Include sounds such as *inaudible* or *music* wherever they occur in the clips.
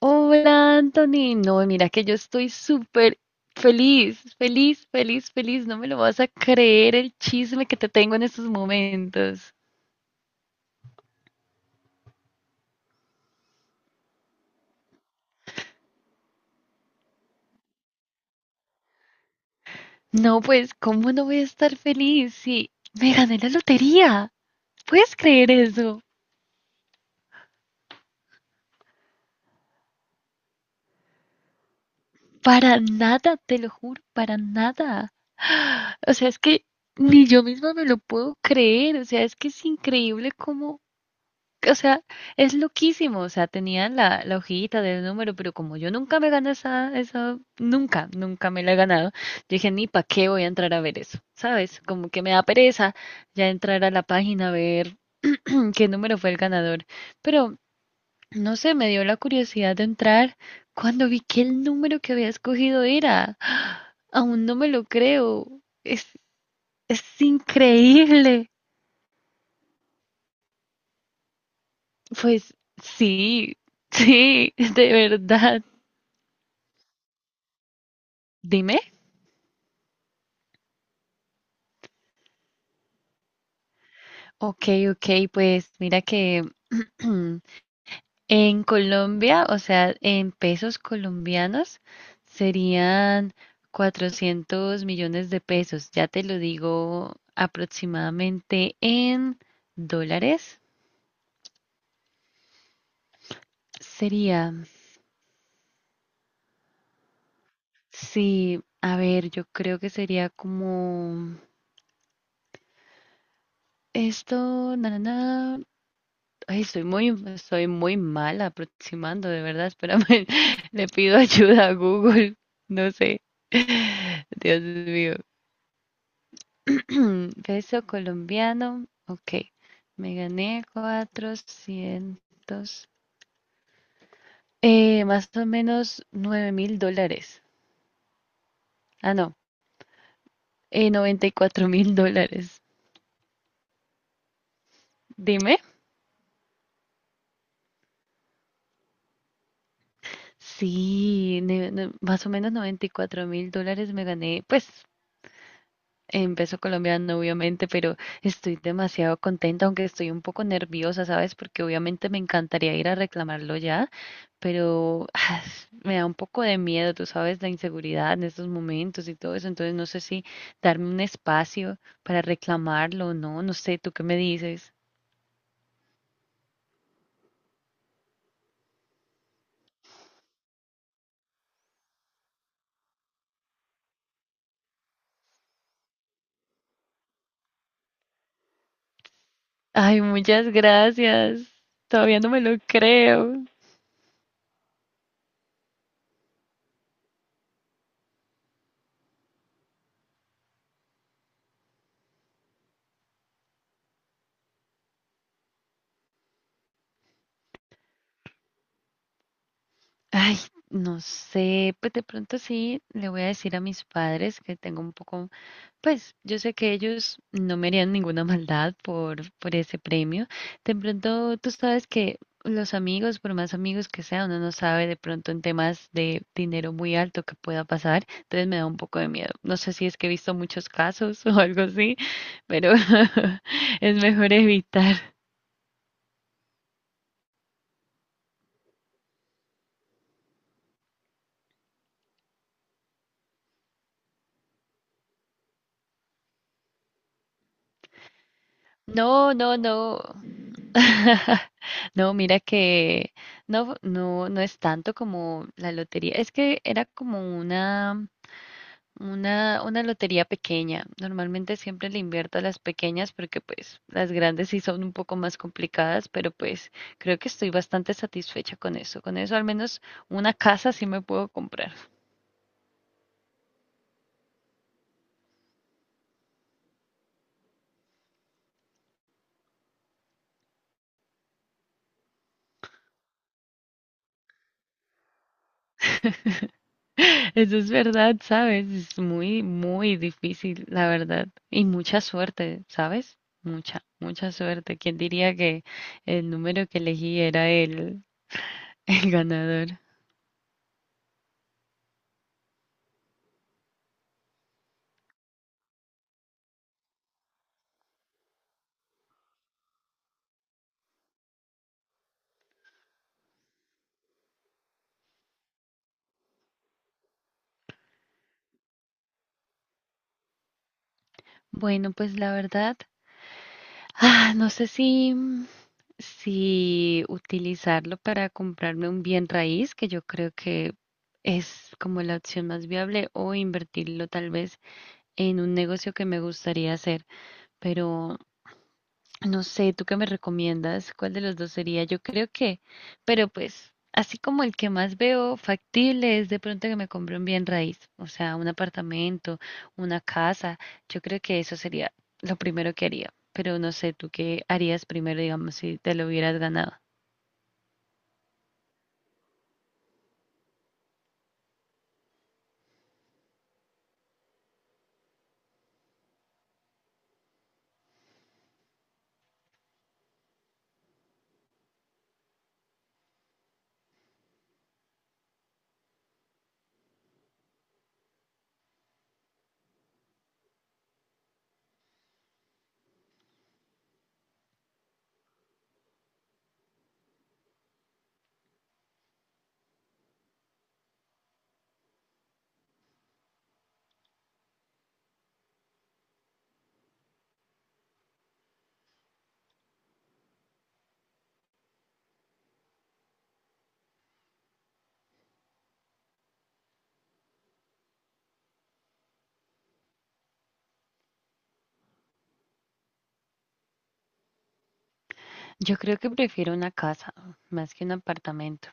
Hola, Anthony. No, mira que yo estoy súper feliz, feliz, feliz, feliz. No me lo vas a creer el chisme que te tengo en estos momentos. No, pues, ¿cómo no voy a estar feliz si me gané la lotería? ¿Puedes creer eso? Para nada, te lo juro, para nada. O sea, es que ni yo misma me lo puedo creer. O sea, es que es increíble cómo. O sea, es loquísimo, o sea, tenían la hojita del número, pero como yo nunca me gané esa, nunca me la he ganado, yo dije, ni para qué voy a entrar a ver eso, ¿sabes? Como que me da pereza ya entrar a la página a ver *clears throat* qué número fue el ganador, pero no sé, me dio la curiosidad de entrar cuando vi que el número que había escogido era, *gasps* aún no me lo creo, es increíble, pues sí, sí, *laughs* de verdad. Dime. Ok, ok, pues mira que *clears throat* en Colombia, o sea, en pesos colombianos serían 400 millones de pesos. Ya te lo digo aproximadamente en dólares. Sería, sí, a ver, yo creo que sería como esto, na, na, na. Ay, soy muy mala aproximando, de verdad. Espérame, *laughs* le pido ayuda a Google. No sé. *laughs* Dios mío. *clears throat* Peso colombiano. Ok. Me gané 400 más o menos 9.000 dólares. Ah, no. 94.000 dólares. Dime. Sí, más o menos 94.000 dólares me gané. Pues en peso colombiano, obviamente, pero estoy demasiado contenta, aunque estoy un poco nerviosa, ¿sabes? Porque obviamente me encantaría ir a reclamarlo ya, pero *sighs* me da un poco de miedo, tú sabes, la inseguridad en estos momentos y todo eso, entonces no sé si darme un espacio para reclamarlo o no, no sé, ¿tú qué me dices? Ay, muchas gracias. Todavía no me lo creo. Ay, no sé, pues de pronto sí le voy a decir a mis padres que tengo un poco, pues yo sé que ellos no me harían ninguna maldad por ese premio. De pronto tú sabes que los amigos, por más amigos que sea, uno no sabe de pronto en temas de dinero muy alto que pueda pasar, entonces me da un poco de miedo. No sé si es que he visto muchos casos *laughs* o algo así, pero *laughs* es mejor evitar. No, no, no. *laughs* No, mira que no, no, no es tanto como la lotería. Es que era como una lotería pequeña. Normalmente siempre le invierto a las pequeñas porque pues las grandes sí son un poco más complicadas, pero pues creo que estoy bastante satisfecha con eso. Con eso al menos una casa sí me puedo comprar. *laughs* Eso es verdad, ¿sabes? Es muy, muy difícil, la verdad. Y mucha suerte, ¿sabes? Mucha, mucha suerte. ¿Quién diría que el número que elegí era el, *laughs* el ganador? Bueno, pues la verdad, no sé si, si utilizarlo para comprarme un bien raíz, que yo creo que es como la opción más viable, o invertirlo tal vez en un negocio que me gustaría hacer, pero no sé, ¿tú qué me recomiendas? ¿Cuál de los dos sería? Yo creo que, pero pues, así como el que más veo factible es de pronto que me compre un bien raíz, o sea, un apartamento, una casa. Yo creo que eso sería lo primero que haría. Pero no sé, ¿tú qué harías primero, digamos, si te lo hubieras ganado? Yo creo que prefiero una casa más que un apartamento.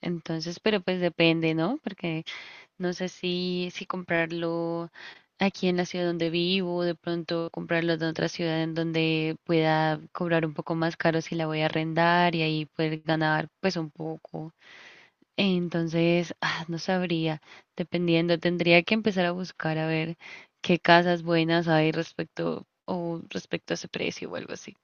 Entonces, pero pues depende, ¿no? Porque no sé si, si comprarlo aquí en la ciudad donde vivo, de pronto comprarlo de otra ciudad en donde pueda cobrar un poco más caro si la voy a arrendar y ahí poder ganar pues un poco. Entonces, *laughs* ah, no sabría, dependiendo, tendría que empezar a buscar a ver qué casas buenas hay respecto o respecto a ese precio o algo así.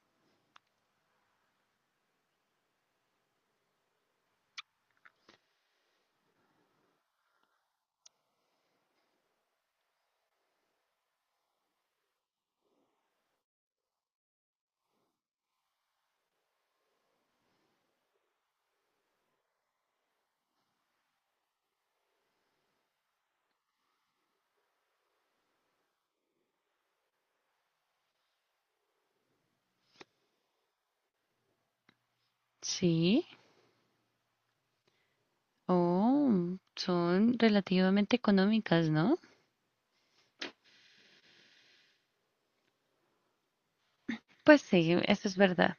Sí, oh, son relativamente económicas, ¿no? Pues sí, eso es verdad.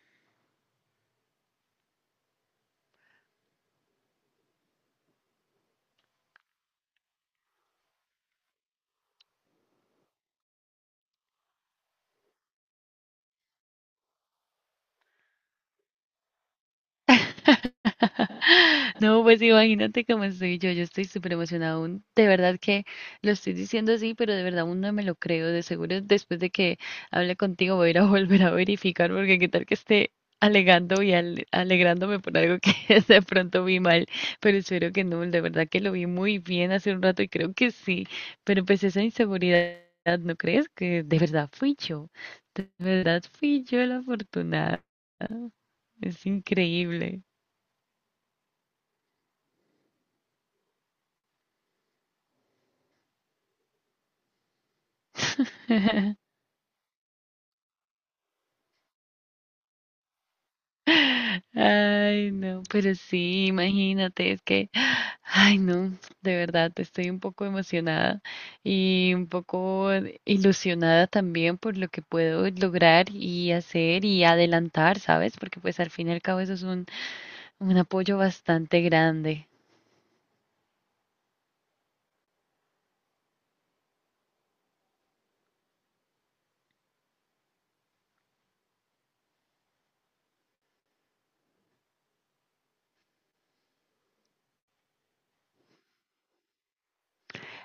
*laughs* No, pues imagínate cómo estoy yo, yo estoy súper emocionada aún, de verdad que lo estoy diciendo así, pero de verdad aún no me lo creo, de seguro después de que hable contigo voy a ir a *laughs* volver a verificar, porque qué tal que esté alegando y alegrándome por algo que *laughs* de pronto vi mal, pero espero que no, de verdad que lo vi muy bien hace un rato y creo que sí, pero pues esa inseguridad, ¿no crees? Que de verdad fui yo, de verdad fui yo la afortunada, es increíble. *laughs* Ay, no, pero sí, imagínate, es que, ay, no, de verdad, estoy un poco emocionada y un poco ilusionada también por lo que puedo lograr y hacer y adelantar, ¿sabes? Porque pues al fin y al cabo eso es un apoyo bastante grande.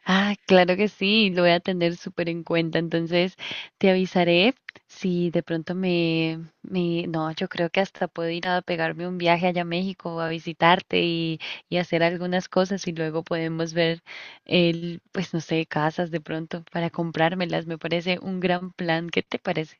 Ah, claro que sí, lo voy a tener súper en cuenta. Entonces, te avisaré si de pronto me, me... No, yo creo que hasta puedo ir a pegarme un viaje allá a México a visitarte y hacer algunas cosas y luego podemos ver, el, pues no sé, casas de pronto para comprármelas. Me parece un gran plan. ¿Qué te parece?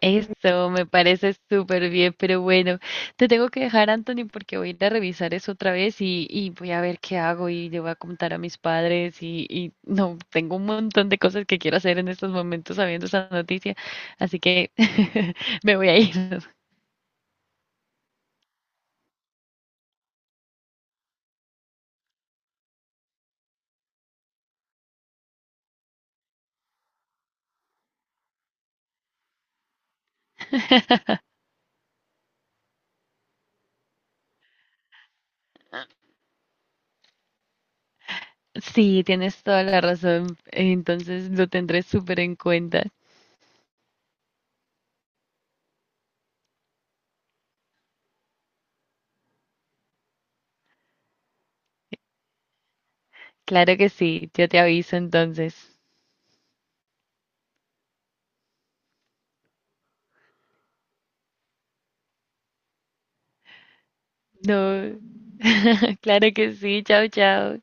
Eso me parece súper bien, pero bueno, te tengo que dejar, Anthony, porque voy a ir a revisar eso otra vez y voy a ver qué hago y le voy a contar a mis padres y no, tengo un montón de cosas que quiero hacer en estos momentos sabiendo esa noticia, así que *laughs* me voy a ir. *laughs* Sí, tienes toda la razón, entonces lo tendré súper en cuenta. Claro que sí, yo te aviso entonces. No, *laughs* claro que sí, chao, chao.